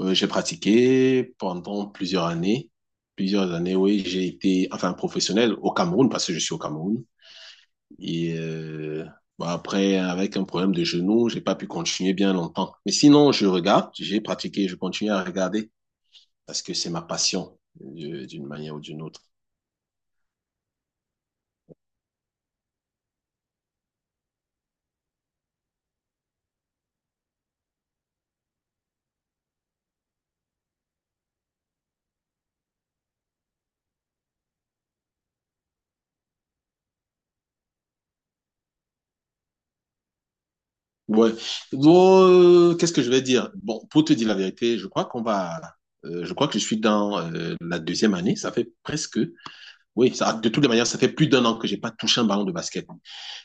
J'ai pratiqué pendant plusieurs années. Plusieurs années, oui, j'ai été enfin professionnel au Cameroun parce que je suis au Cameroun. Et euh, Après, avec un problème de genou, j'ai pas pu continuer bien longtemps. Mais sinon, je regarde, j'ai pratiqué, je continue à regarder parce que c'est ma passion d'une manière ou d'une autre. Ouais. Oh, Qu'est-ce que je vais dire? Bon, pour te dire la vérité, je crois qu'on va. Je crois que je suis dans la deuxième année. Ça fait presque. Oui, ça, de toutes les manières, ça fait plus d'un an que j'ai pas touché un ballon de basket.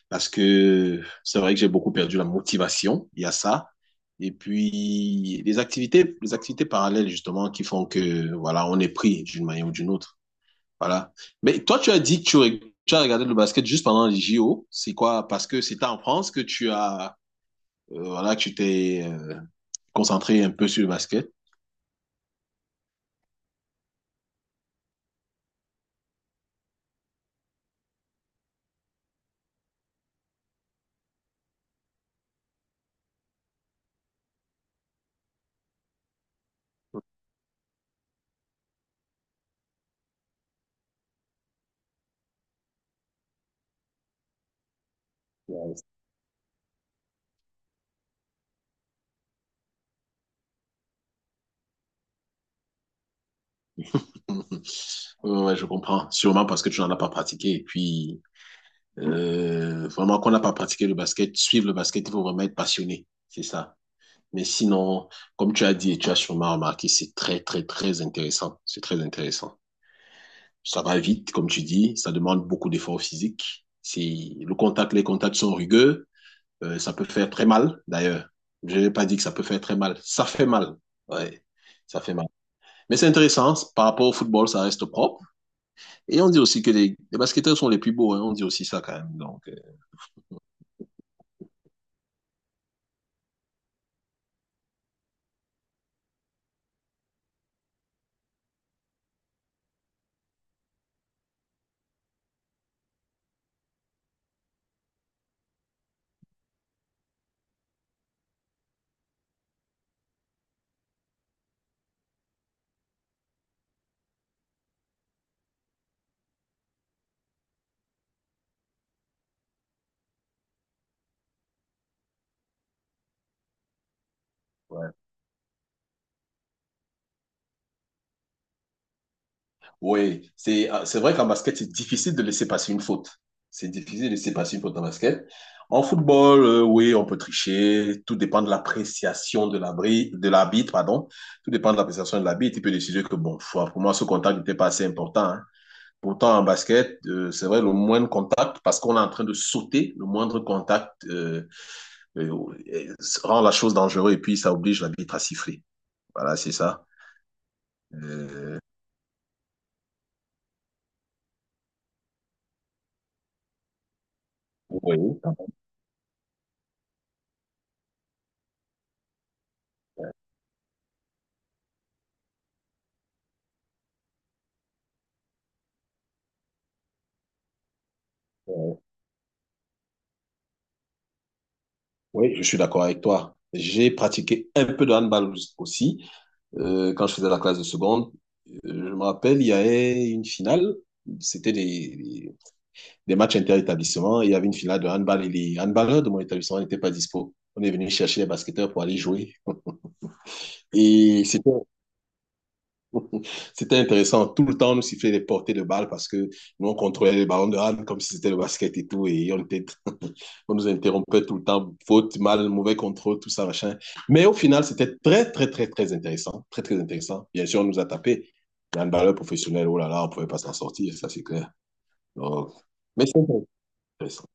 Parce que c'est vrai que j'ai beaucoup perdu la motivation. Il y a ça. Et puis, les activités parallèles, justement, qui font que, voilà, on est pris d'une manière ou d'une autre. Voilà. Mais toi, tu as dit que tu as regardé le basket juste pendant les JO. C'est quoi? Parce que c'était en France que tu as voilà, tu t'es concentré un peu sur le basket. Ouais, ouais, je comprends. Sûrement parce que tu n'en as pas pratiqué. Et puis, vraiment, qu'on n'a pas pratiqué le basket, suivre le basket, il faut vraiment être passionné. C'est ça. Mais sinon, comme tu as dit et tu as sûrement remarqué, c'est très, très, très intéressant. C'est très intéressant. Ça va vite, comme tu dis. Ça demande beaucoup d'efforts physiques. Si les contacts sont rugueux, ça peut faire très mal, d'ailleurs. Je n'ai pas dit que ça peut faire très mal. Ça fait mal. Ouais, ça fait mal. Mais c'est intéressant. Par rapport au football, ça reste propre. Et on dit aussi que les basketteurs sont les plus beaux, hein. On dit aussi ça quand même. Donc, ouais. Oui, c'est vrai qu'en basket, c'est difficile de laisser passer une faute. C'est difficile de laisser passer une faute en basket. En football, oui, on peut tricher. Tout dépend de l'appréciation de l'arbitre, pardon. Tout dépend de l'appréciation de l'arbitre. Il peut décider que, bon, foi, pour moi, ce contact n'était pas assez important, hein. Pourtant, en basket, c'est vrai, le moindre contact, parce qu'on est en train de sauter, le moindre contact euh, euh, rend la chose dangereuse et puis ça oblige l'arbitre à siffler. Voilà, c'est ça. Euh, oui. Oui, je suis d'accord avec toi. J'ai pratiqué un peu de handball aussi quand je faisais la classe de seconde. Je me rappelle, il y avait une finale. C'était des, des- des matchs inter-établissement. Il y avait une finale de handball et les handballeurs de mon établissement n'étaient pas dispo. On est venu chercher les basketteurs pour aller jouer. Et c'était C'était intéressant. Tout le temps, on nous sifflait les portées de balles parce que nous, on contrôlait les ballons de hand comme si c'était le basket et tout. Et on nous interrompait tout le temps. Faute, mal, mauvais contrôle, tout ça, machin. Mais au final, c'était très, très, très, très intéressant. Très, très intéressant. Bien sûr, on nous a tapé. Un balleur professionnel, oh là là, on ne pouvait pas s'en sortir, ça c'est clair. Donc... Mais c'est intéressant.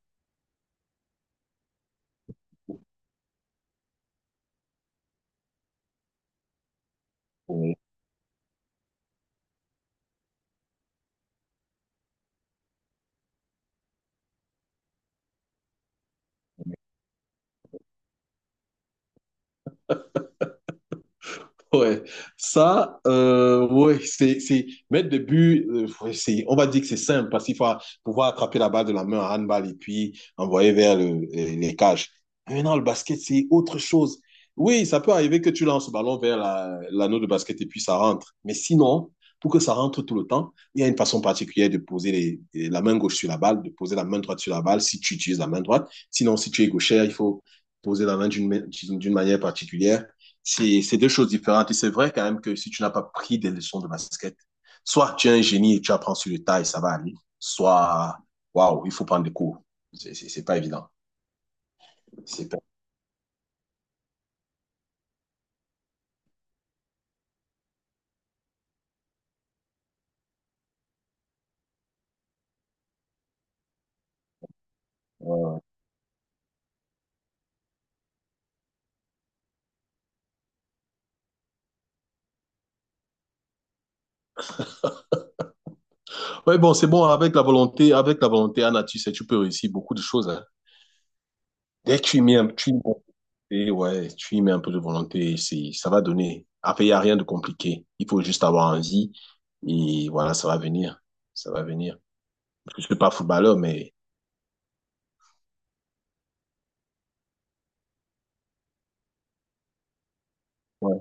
Ouais, ouais, c'est mettre des buts, ouais, c'est, on va dire que c'est simple parce qu'il faut pouvoir attraper la balle de la main en handball et puis envoyer vers les cages. Mais non, le basket, c'est autre chose. Oui, ça peut arriver que tu lances le ballon vers l'anneau de basket et puis ça rentre. Mais sinon, pour que ça rentre tout le temps, il y a une façon particulière de poser la main gauche sur la balle, de poser la main droite sur la balle si tu utilises la main droite. Sinon, si tu es gaucher, il faut poser la main d'une manière particulière, c'est deux choses différentes. Et c'est vrai quand même que si tu n'as pas pris des leçons de basket, soit tu es un génie et tu apprends sur le tas et ça va aller, soit, waouh, il faut prendre des cours. C'est pas évident. C'est Pas... Ouais, bon, c'est bon. Avec la volonté, Anna, tu sais, tu peux réussir beaucoup de choses. Hein. Dès que tu y mets un, tu y... mets, et Ouais, tu y mets un peu de volonté, c'est ça va donner. Après, il n'y a rien de compliqué. Il faut juste avoir envie. Et voilà, ça va venir. Ça va venir. Je ne suis pas footballeur, mais ouais.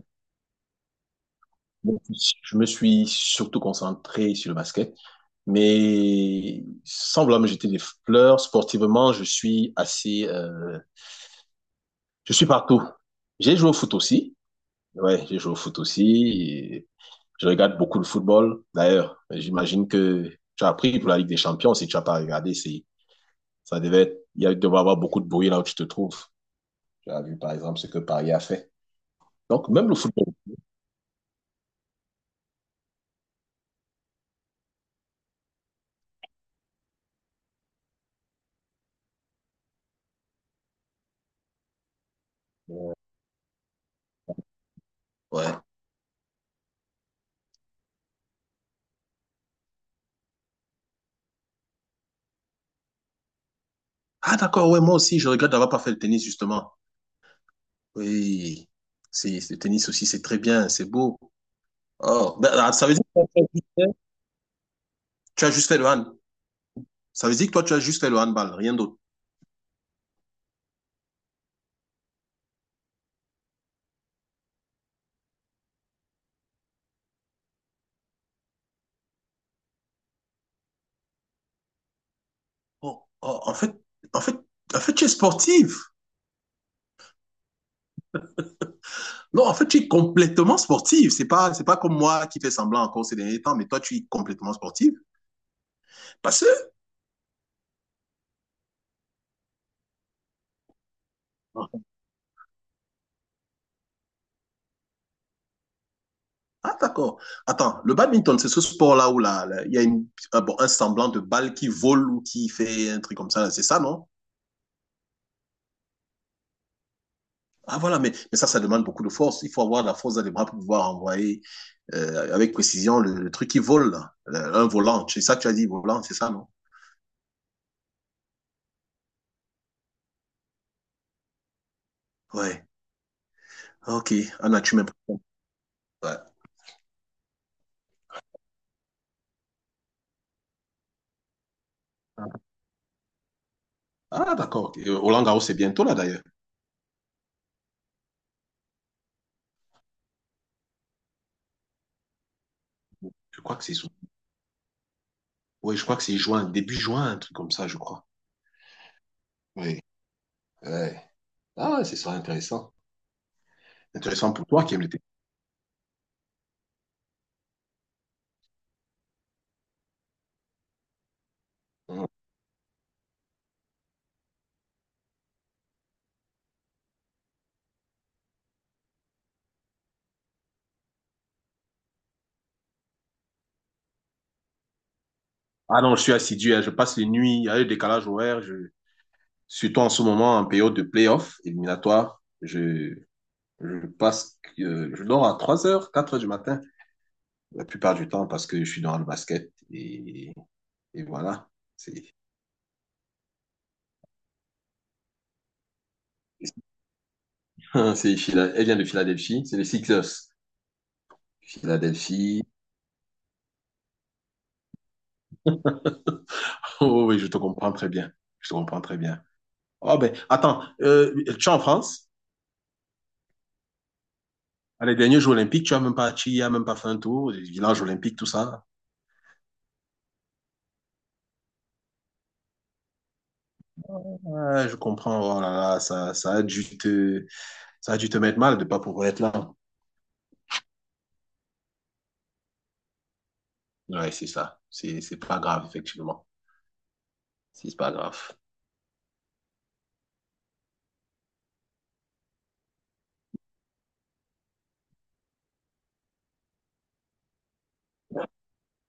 Bon, je me suis surtout concentré sur le basket, mais semblablement j'étais des fleurs. Sportivement, je suis assez, je suis partout. J'ai joué au foot aussi. Ouais, j'ai joué au foot aussi. Et je regarde beaucoup le football. D'ailleurs, j'imagine que tu as appris pour la Ligue des Champions. Si tu n'as pas regardé, c'est, ça devait être, il devait y avoir beaucoup de bruit là où tu te trouves. Tu as vu, par exemple, ce que Paris a fait. Donc, même le football. Ouais. Ah, d'accord. Ouais, moi aussi, je regrette d'avoir pas fait le tennis, justement. Oui, c'est le tennis aussi, c'est très bien, c'est beau. Oh, ben, ah, ça veut dire que toi, tu as juste fait le hand. Ça veut dire que toi, tu as juste fait le handball, rien d'autre. Oh, oh, en fait, en fait, en fait, tu es sportive. Non, en fait, tu es complètement sportive. C'est pas comme moi qui fais semblant encore ces derniers temps, mais toi, tu es complètement sportive. Parce que, ah, d'accord. Attends, le badminton, c'est ce sport-là où il y a bon, un semblant de balle qui vole ou qui fait un truc comme ça, là. C'est ça, non? Ah voilà, mais ça demande beaucoup de force. Il faut avoir de la force dans les bras pour pouvoir envoyer avec précision truc qui vole, là. Un volant. C'est ça que tu as dit, volant, c'est ça, non? Ouais. Ok. Anna, tu m'impressionnes. Ouais. Ah, d'accord. Et, Roland Garros, c'est bientôt là, d'ailleurs. Je crois que c'est sous- Oui, je crois que c'est juin, début juin, un truc comme ça, je crois. Oui. Ouais. Ah, ce sera intéressant. Intéressant pour toi qui aime le tennis. Mm. Ah non, je suis assidu, hein. Je passe les nuits, il y a le décalage horaire. Je... Surtout en ce moment, en période de play-off éliminatoire, je... Je passe, je dors à 3 heures, 4 heures du matin, la plupart du temps, parce que je suis dans le basket. Et voilà. C'est, elle vient de Philadelphie, c'est les Sixers. Philadelphie. Oh oui, je te comprends très bien. Je te comprends très bien. Oh ben, attends, tu es en France? À les derniers Jeux Olympiques, tu y as même pas fait un tour, les villages olympiques, tout ça. Ouais, je comprends. Oh là là, ça a dû te, ça a dû te mettre mal de pas pouvoir être là. Ouais, c'est ça. C'est pas grave, effectivement. C'est pas grave.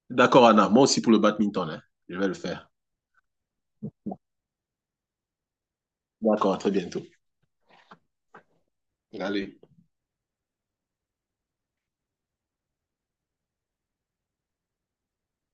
D'accord, Anna. Moi aussi pour le badminton, hein. Je vais le faire. D'accord, à très bientôt. Allez.